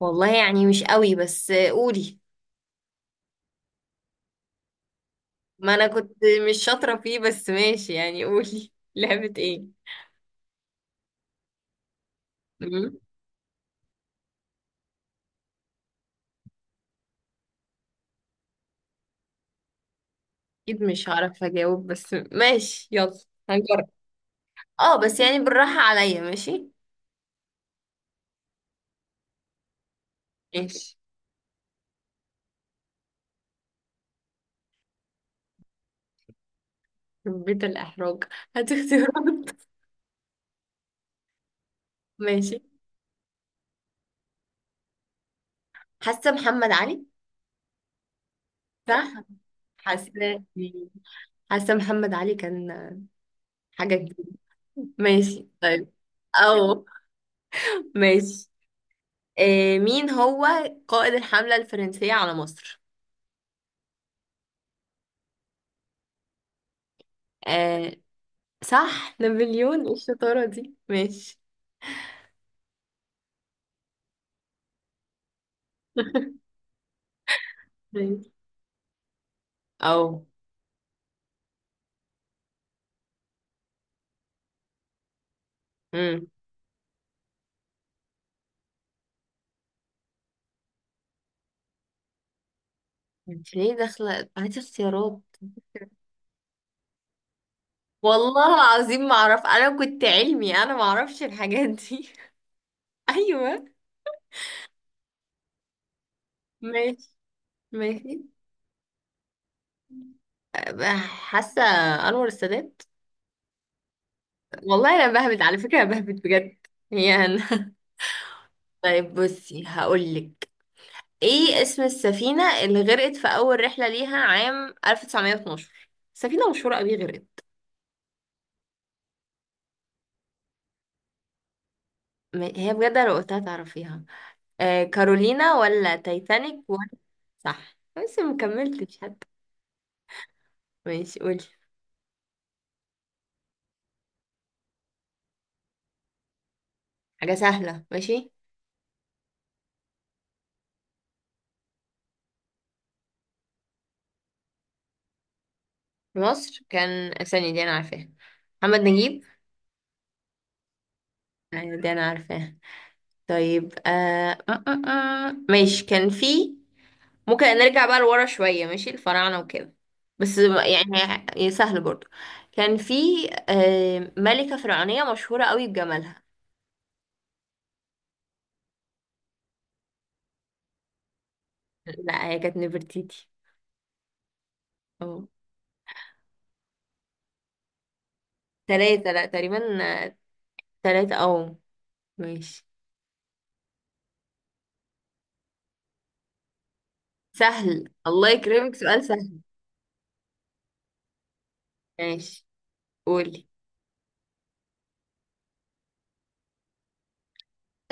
والله يعني مش قوي بس قولي. ما انا كنت مش شاطرة فيه بس ماشي يعني قولي لعبة ايه؟ مم. اكيد مش هعرف اجاوب بس ماشي يلا هنجرب. اه بس يعني بالراحة عليا ماشي. ماشي، بيت الاحراج، هات اختيارات. ماشي، حاسة محمد علي. صح، حاسة، حاسة محمد علي كان حاجة جديدة. ماشي طيب. او ماشي. آه، مين هو قائد الحملة الفرنسية على مصر؟ آه صح نابليون، ايه الشطارة دي، ماشي. طيب. او امم، انت ليه داخلة؟ هاتي اختيارات. والله العظيم ما اعرف، انا كنت علمي، انا ما اعرفش الحاجات دي. ايوه. ماشي ماشي. أبقى حاسة انور السادات. والله انا بهبت على فكرة، انا بهبت بجد يعني. طيب بصي هقولك، ايه اسم السفينة اللي غرقت في اول رحلة ليها عام 1912؟ سفينة مشهورة قوي غرقت. هي بجد لو قلتها تعرفيها. آه، كارولينا ولا تايتانيك ولا؟ صح، بس ما كملتش حتى. ماشي، قولي حاجة سهلة. ماشي، في مصر كان؟ ثانية دي أنا عارفاها، محمد نجيب. أيوة دي أنا عارفاها. طيب ماشي، كان في؟ ممكن نرجع بقى لورا شوية، ماشي الفراعنة وكده، بس يعني سهل برضو. كان في ملكة فرعونية مشهورة قوي بجمالها. لا، هي كانت نفرتيتي. اه، تلاتة لا تقريبا، تلاتة. أو ماشي. سهل الله يكرمك، سؤال سهل. ماشي قولي.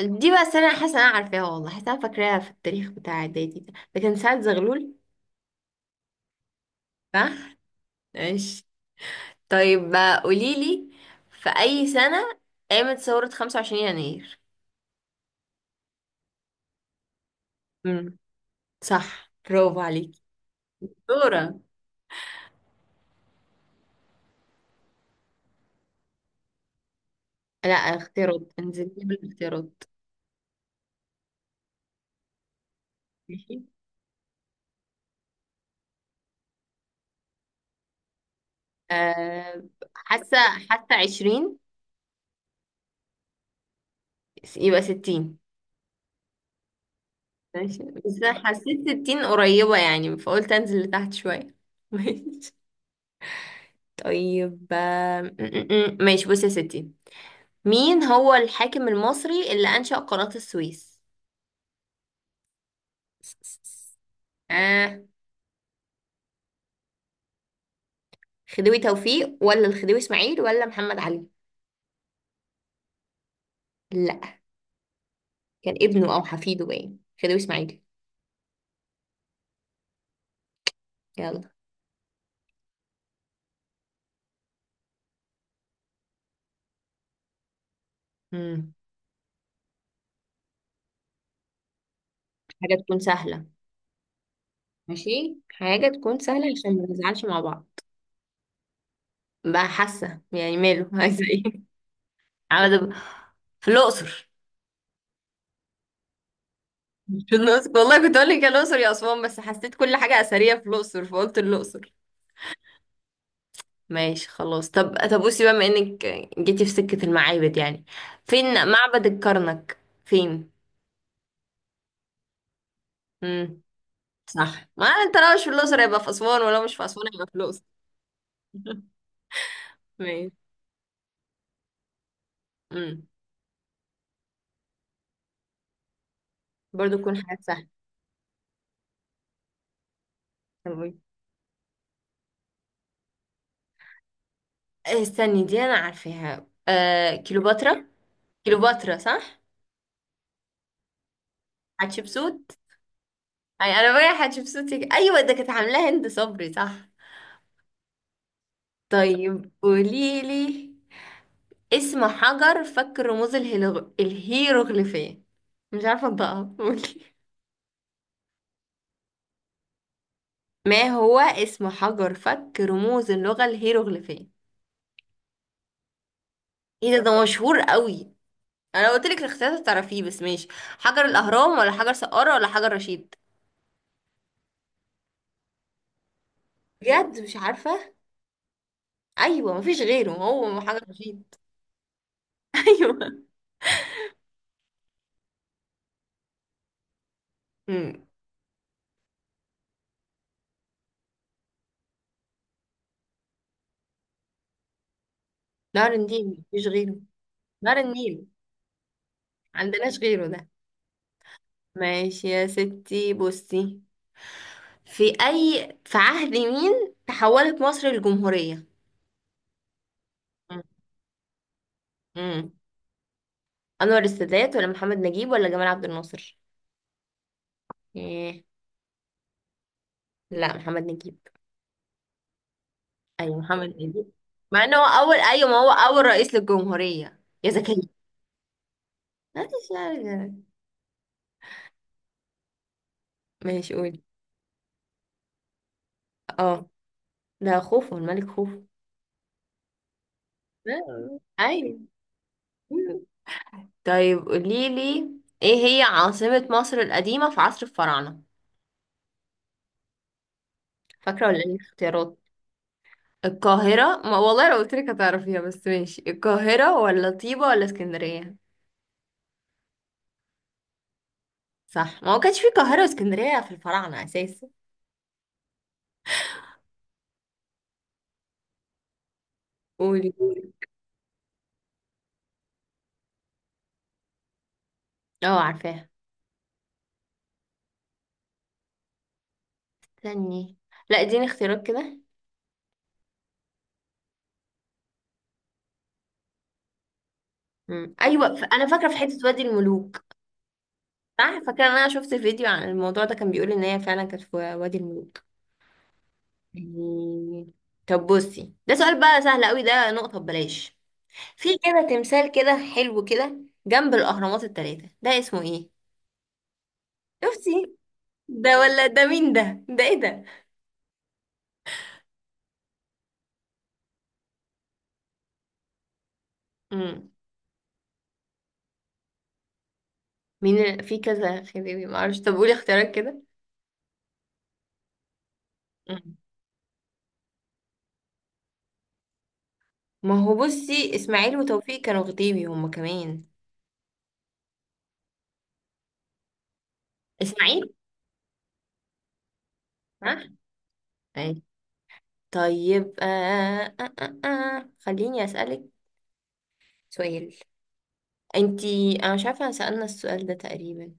دي بقى السنة أنا حاسة أنا عارفاها، والله حاسة أنا فاكراها في التاريخ بتاع إعدادي، ده كان سعد زغلول. صح؟ ماشي. طيب بقى قوليلي، في أي سنة قامت ثورة 25 يناير؟ امم، صح برافو عليكي. دورة. لا، اختيارات، انزل لي بالاختيارات. ماشي. أه حاسة، حاسة 20. يبقى 60. ماشي، بس أنا حسيت التين قريبة يعني فقلت انزل لتحت شوية. ماشي. طيب آم، م- م- م. ماشي بصي يا ستي، مين هو الحاكم المصري اللي أنشأ قناة السويس؟ آه، خديوي توفيق ولا الخديوي إسماعيل ولا محمد علي؟ لا، كان ابنه أو حفيده باين، خديوي إسماعيل. يلا. مم. حاجة تكون سهلة. ماشي حاجة تكون سهلة عشان ما نزعلش مع بعض. بقى حاسة يعني ماله. عايزة ايه؟ عاوزة أبقى- في الأقصر. في الأقصر والله، كنت أقول لك يا الأقصر يا أسوان، بس حسيت كل حاجة أثرية في الأقصر فقلت الأقصر. ماشي خلاص. طب بصي بقى، بما إنك جيتي في سكة المعابد يعني، فين معبد الكرنك، فين؟ امم، صح، ما أنت لو مش في الأقصر يبقى في أسوان، ولو مش في أسوان يبقى في الأقصر. ماشي. امم، برضه تكون حاجات سهلة. طب قولي. آه، استني دي أنا عارفاها، آه كيلوباترا. كيلوباترا صح. حتشبسوت. أي، أنا بقى حتشبسوت، أيوة ده كانت عاملاها هند صبري، صح. طيب قوليلي، اسم حجر فك رموز الهيروغليفية؟ مش عارفة انطقها، قولي. ما هو اسم حجر فك رموز اللغة الهيروغليفية؟ ايه ده، ده مشهور قوي، انا قلت لك الاختيارات تعرفيه، بس ماشي، حجر الاهرام ولا حجر سقارة ولا حجر رشيد؟ بجد مش عارفة. ايوه، مفيش غيره، هو حجر رشيد. ايوه. امم، نهر النيل، مفيش غيره. نهر النيل، عندناش غيره ده. ماشي يا ستي. بصي، في أي، في عهد مين تحولت مصر للجمهورية؟ امم، أنور السادات ولا محمد نجيب ولا جمال عبد الناصر؟ إيه. لا، محمد نجيب. أيوة محمد نجيب، مع إن هو أول، أيوة ما هو أول رئيس للجمهورية يا زكية. ماشي يعني. ماشي قولي. اه، ده خوفو، الملك خوفو. آه، أيوة. مم. طيب قوليلي، إيه هي عاصمة مصر القديمة في عصر الفراعنة؟ فاكرة ولا إيه الاختيارات؟ القاهرة، ما والله لو قلت لك هتعرفيها، بس ماشي، القاهرة ولا طيبة ولا اسكندرية؟ صح، ما هو كانش في القاهرة واسكندرية في الفراعنة أساسا. قولي قولي. اه عارفاها. استني، لا اديني اختيارات كده. مم. ايوه انا فاكره في حته وادي الملوك. صح، فاكره ان انا شفت فيديو عن الموضوع ده، كان بيقول ان هي فعلا كانت في وادي الملوك. مم. طب بصي، ده سؤال بقى سهل قوي، ده نقطه ببلاش، في كده تمثال كده حلو كده جنب الاهرامات الثلاثه، ده اسمه ايه؟ شفتي، ده ولا ده، مين ده، ده ايه ده. امم، مين في كذا خديوي، ما اعرفش، طب قولي اختيارات كده. مم. ما هو بصي، اسماعيل وتوفيق كانوا خديوي هما كمان. اسماعيل. ها. أي. طيب خليني اسالك سؤال. انتي انا مش عارفه أنا سالنا السؤال ده تقريبا.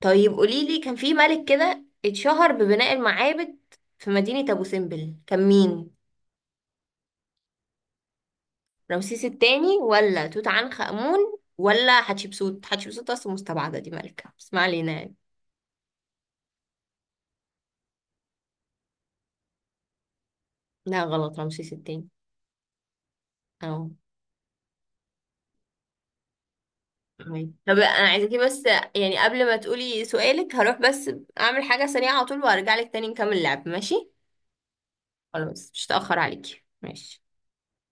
طيب قولي لي، كان في ملك كده اتشهر ببناء المعابد في مدينه ابو سمبل، كان مين؟ رمسيس التاني ولا توت عنخ آمون ولا حتشبسوت؟ حتشبسوت أصلا مستبعدة دي ملكة، بس ما علينا يعني. لا غلط، رمسيس التاني. أهو. تمام. طب أنا عايزاكي بس يعني، قبل ما تقولي سؤالك، هروح بس أعمل حاجة سريعة على طول وأرجع لك تاني نكمل اللعب، ماشي؟ خلاص مش هتأخر عليكي، ماشي.